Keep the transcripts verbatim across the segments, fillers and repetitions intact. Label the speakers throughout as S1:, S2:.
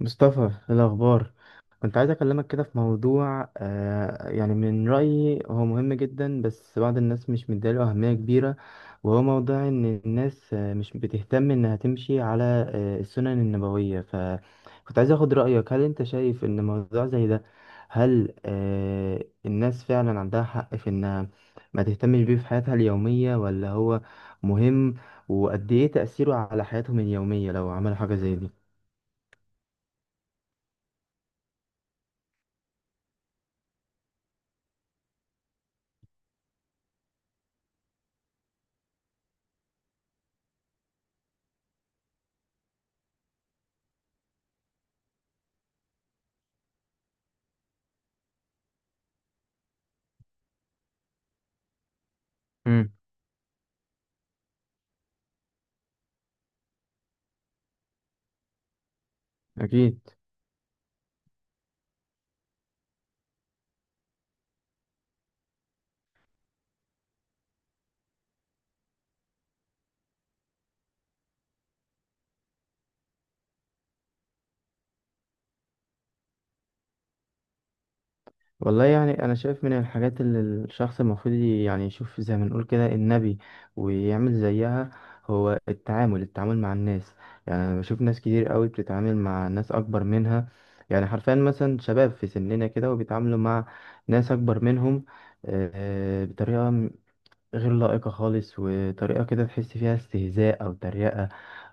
S1: مصطفى، إيه الأخبار؟ كنت عايز أكلمك كده في موضوع، آه يعني من رأيي هو مهم جدا. بس بعض الناس مش مديله أهمية كبيرة. وهو موضوع إن الناس آه مش بتهتم إنها تمشي على آه السنن النبوية. فكنت عايز أخد رأيك، هل أنت شايف إن موضوع زي ده، هل آه الناس فعلا عندها حق في إنها ما تهتمش بيه في حياتها اليومية، ولا هو مهم؟ وقد إيه تأثيره على حياتهم اليومية لو عملوا حاجة زي دي؟ امم. اكيد. والله يعني أنا شايف من الحاجات اللي الشخص المفروض ي- يعني يشوف زي ما نقول كده النبي ويعمل زيها، هو التعامل التعامل مع الناس. يعني أنا بشوف ناس كتير قوي بتتعامل مع ناس أكبر منها، يعني حرفيا مثلا شباب في سننا كده وبيتعاملوا مع ناس أكبر منهم، آه، بطريقة غير لائقة خالص، وطريقة كده تحس فيها استهزاء أو تريقة.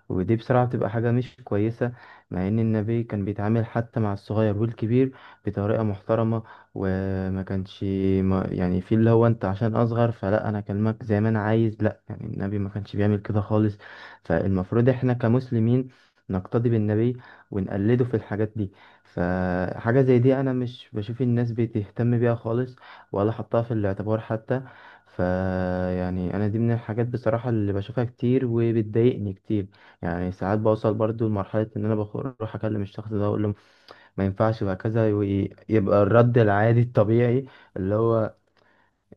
S1: ودي بصراحة بتبقى حاجة مش كويسة. مع إن النبي كان بيتعامل حتى مع الصغير والكبير بطريقة محترمة، وما كانش ما يعني في اللي هو أنت عشان أصغر فلا، أنا أكلمك زي ما أنا عايز، لا. يعني النبي ما كانش بيعمل كده خالص. فالمفروض إحنا كمسلمين نقتدي بالنبي ونقلده في الحاجات دي. فحاجة زي دي أنا مش بشوف الناس بتهتم بيها خالص، ولا حطها في الاعتبار حتى. فيعني انا دي من الحاجات بصراحة اللي بشوفها كتير وبتضايقني كتير. يعني ساعات بوصل برضو لمرحلة ان انا بخ- بروح اكلم الشخص ده اقول له ما ينفعش يبقى كذا، ويبقى الرد العادي الطبيعي اللي هو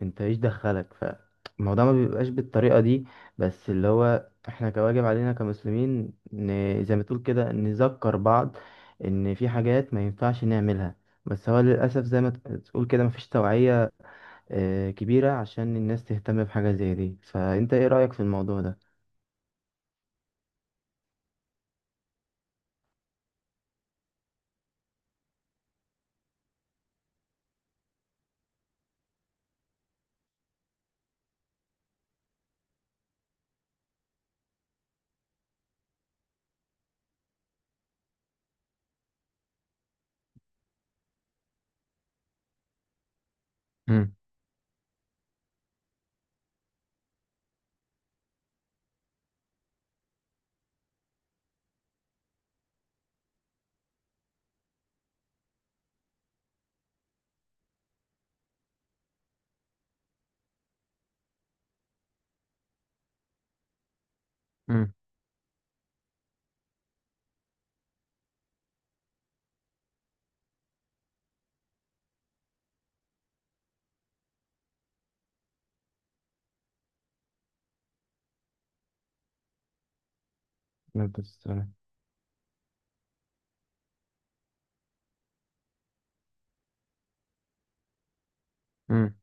S1: انت ايش دخلك فالموضوع. ما بيبقاش بالطريقة دي. بس اللي هو احنا كواجب علينا كمسلمين ن- زي ما تقول كده نذكر بعض ان في حاجات ما ينفعش نعملها. بس هو للأسف زي ما ت- تقول كده مفيش توعية آه، كبيرة عشان الناس تهتم بحاجة زي دي. فأنت إيه رأيك في الموضوع ده؟ امم. امم. نبدأ السؤال. امم.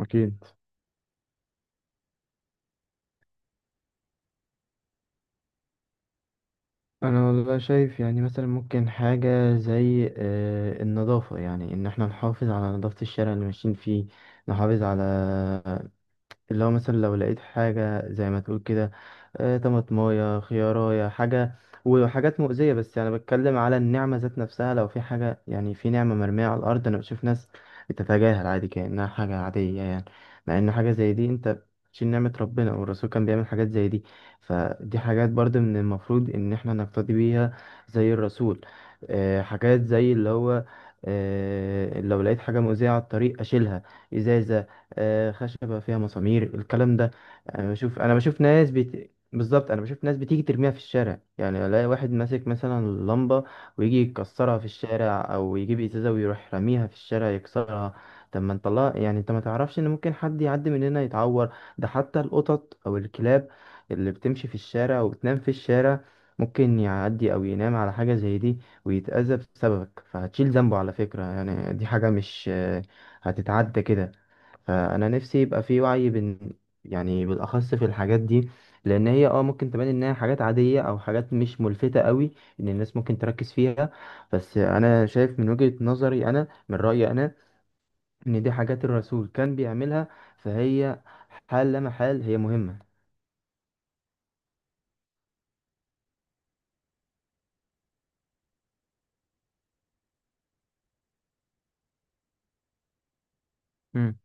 S1: اكيد. أنا والله شايف يعني مثلا ممكن حاجة زي آه، النظافة، يعني إن إحنا نحافظ على نظافة الشارع اللي ماشيين فيه، نحافظ على اللي هو مثلا لو لقيت حاجة زي ما تقول كده، آه، طماطماية خياراية حاجة وحاجات مؤذية. بس يعني بتكلم على النعمة ذات نفسها، لو في حاجة يعني في نعمة مرمية على الأرض، أنا بشوف ناس بتتجاهل عادي كأنها حاجة عادية يعني. مع إن حاجة زي دي أنت بتشيل نعمة ربنا، والرسول كان بيعمل حاجات زي دي. فدي حاجات برضه من المفروض إن إحنا نقتدي بيها زي الرسول. آه، حاجات زي اللي هو آه، لو لقيت حاجة مؤذية على الطريق أشيلها. إزاي؟ آه، خشبة فيها مسامير، الكلام ده. انا بشوف انا بشوف ناس بت... بالظبط، انا بشوف ناس بتيجي ترميها في الشارع، يعني الاقي واحد ماسك مثلا لمبة ويجي يكسرها في الشارع، او يجيب ازازة ويروح راميها في الشارع يكسرها. طب ما انت الله، يعني انت ما تعرفش ان ممكن حد يعدي من هنا يتعور؟ ده حتى القطط او الكلاب اللي بتمشي في الشارع وبتنام في الشارع ممكن يعدي او ينام على حاجة زي دي ويتأذى بسببك، فهتشيل ذنبه على فكرة. يعني دي حاجة مش آه، هتتعدى كده. فانا نفسي يبقى في وعي بين، يعني بالاخص في الحاجات دي. لان هي اه ممكن تبان انها حاجات عاديه او حاجات مش ملفته قوي ان الناس ممكن تركز فيها. بس انا شايف من وجهه نظري، انا من رايي انا، ان دي حاجات الرسول كان بيعملها، فهي حال لا محال هي مهمه. مم.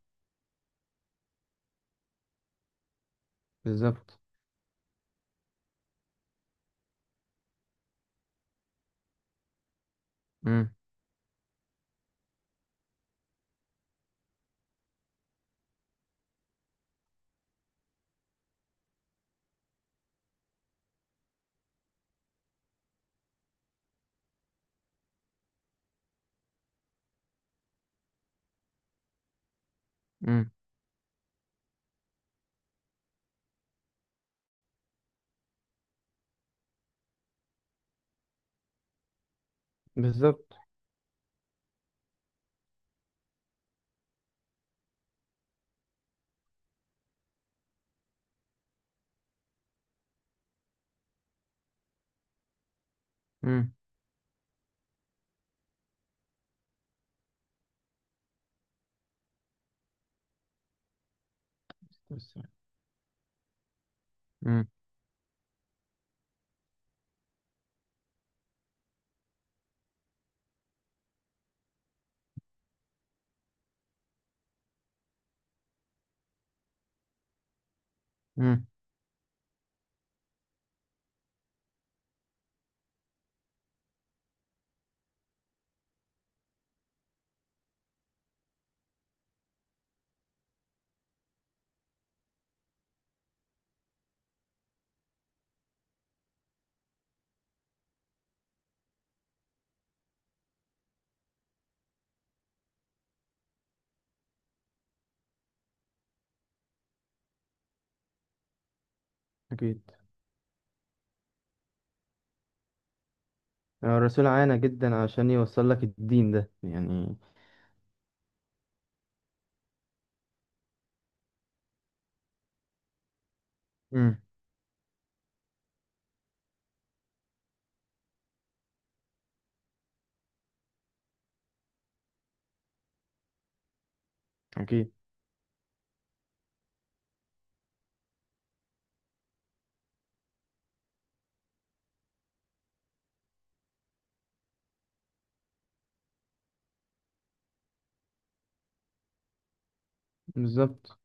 S1: بالظبط. مم. مم. بالظبط. مم. بس. مم. مم. اكيد. آه، الرسول عانى جدا عشان يوصل لك الدين ده يعني. مم. أكيد. بالظبط.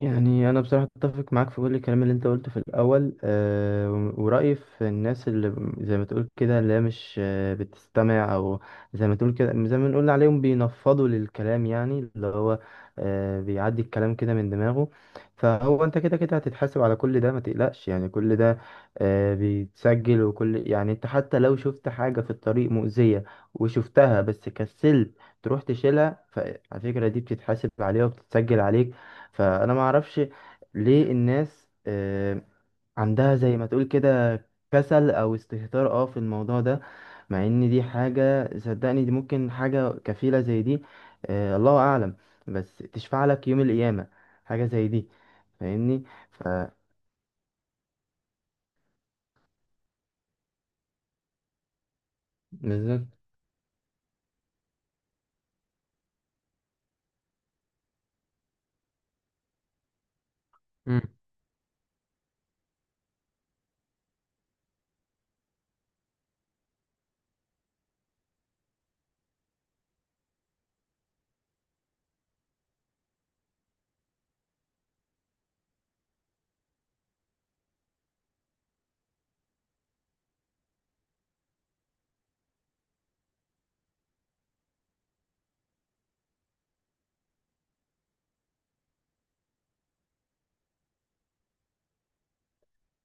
S1: يعني انا بصراحه اتفق معاك في كل الكلام اللي انت قلته في الاول. أه ورايي في الناس اللي زي ما تقول كده، اللي هي مش آه، بتستمع، او زي ما تقول كده، زي ما نقول عليهم بينفضوا للكلام، يعني اللي هو أه بيعدي الكلام كده من دماغه. فهو انت كده كده هتتحاسب على كل ده، ما تقلقش، يعني كل ده أه بيتسجل. وكل، يعني انت حتى لو شفت حاجه في الطريق مؤذيه وشفتها بس كسلت تروح تشيلها، فعلى فكره دي بتتحاسب عليها وبتتسجل عليك. فانا ما اعرفش ليه الناس آه، عندها زي ما تقول كده كسل او استهتار اه في الموضوع ده. مع ان دي حاجة، صدقني دي ممكن حاجة كفيلة زي دي، آه، الله اعلم، بس تشفع لك يوم القيامة. حاجة زي دي، فاهمني. ف بالظبط.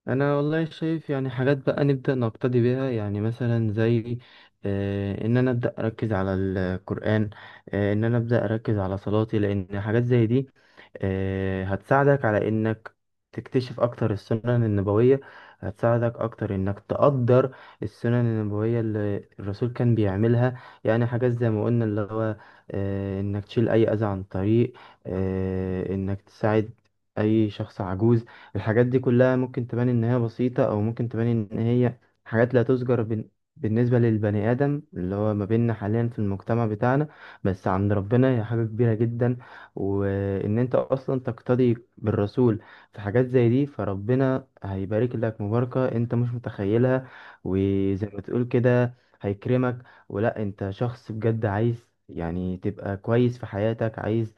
S1: انا والله شايف يعني حاجات بقى نبدا نقتدي بيها، يعني مثلا زي آه، ان انا ابدا اركز على القران. آه، ان انا ابدا اركز على صلاتي، لان حاجات زي دي آه، هتساعدك على انك تكتشف اكتر السنن النبويه. هتساعدك اكتر انك تقدر السنن النبويه اللي الرسول كان بيعملها. يعني حاجات زي ما قلنا اللي هو آه، انك تشيل اي اذى عن الطريق، آه، انك تساعد اي شخص عجوز. الحاجات دي كلها ممكن تبان إن هي بسيطة، أو ممكن تبان إن هي حاجات لا تذكر بن... بالنسبة للبني آدم اللي هو ما بيننا حاليا في المجتمع بتاعنا. بس عند ربنا هي حاجة كبيرة جدا. وإن أنت أصلا تقتدي بالرسول في حاجات زي دي، فربنا هيبارك لك مباركة أنت مش متخيلها. وزي ما تقول كده هيكرمك. ولا أنت شخص بجد عايز يعني تبقى كويس في حياتك، عايز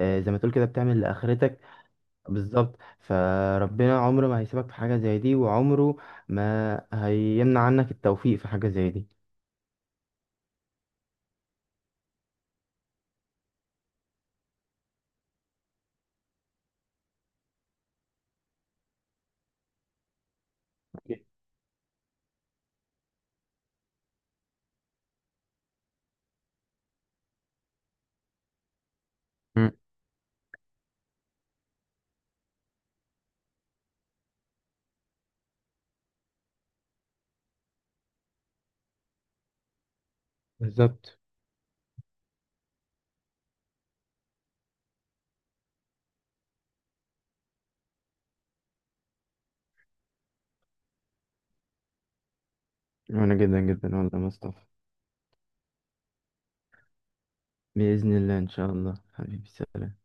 S1: آه، زي ما تقول كده بتعمل لآخرتك. بالظبط. فربنا عمره ما هيسيبك في حاجة زي دي، وعمره ما هيمنع عنك التوفيق في حاجة زي دي. مم. بالظبط. وانا جدا جدا والله يا مصطفى. بإذن الله، إن شاء الله حبيبي، سلام.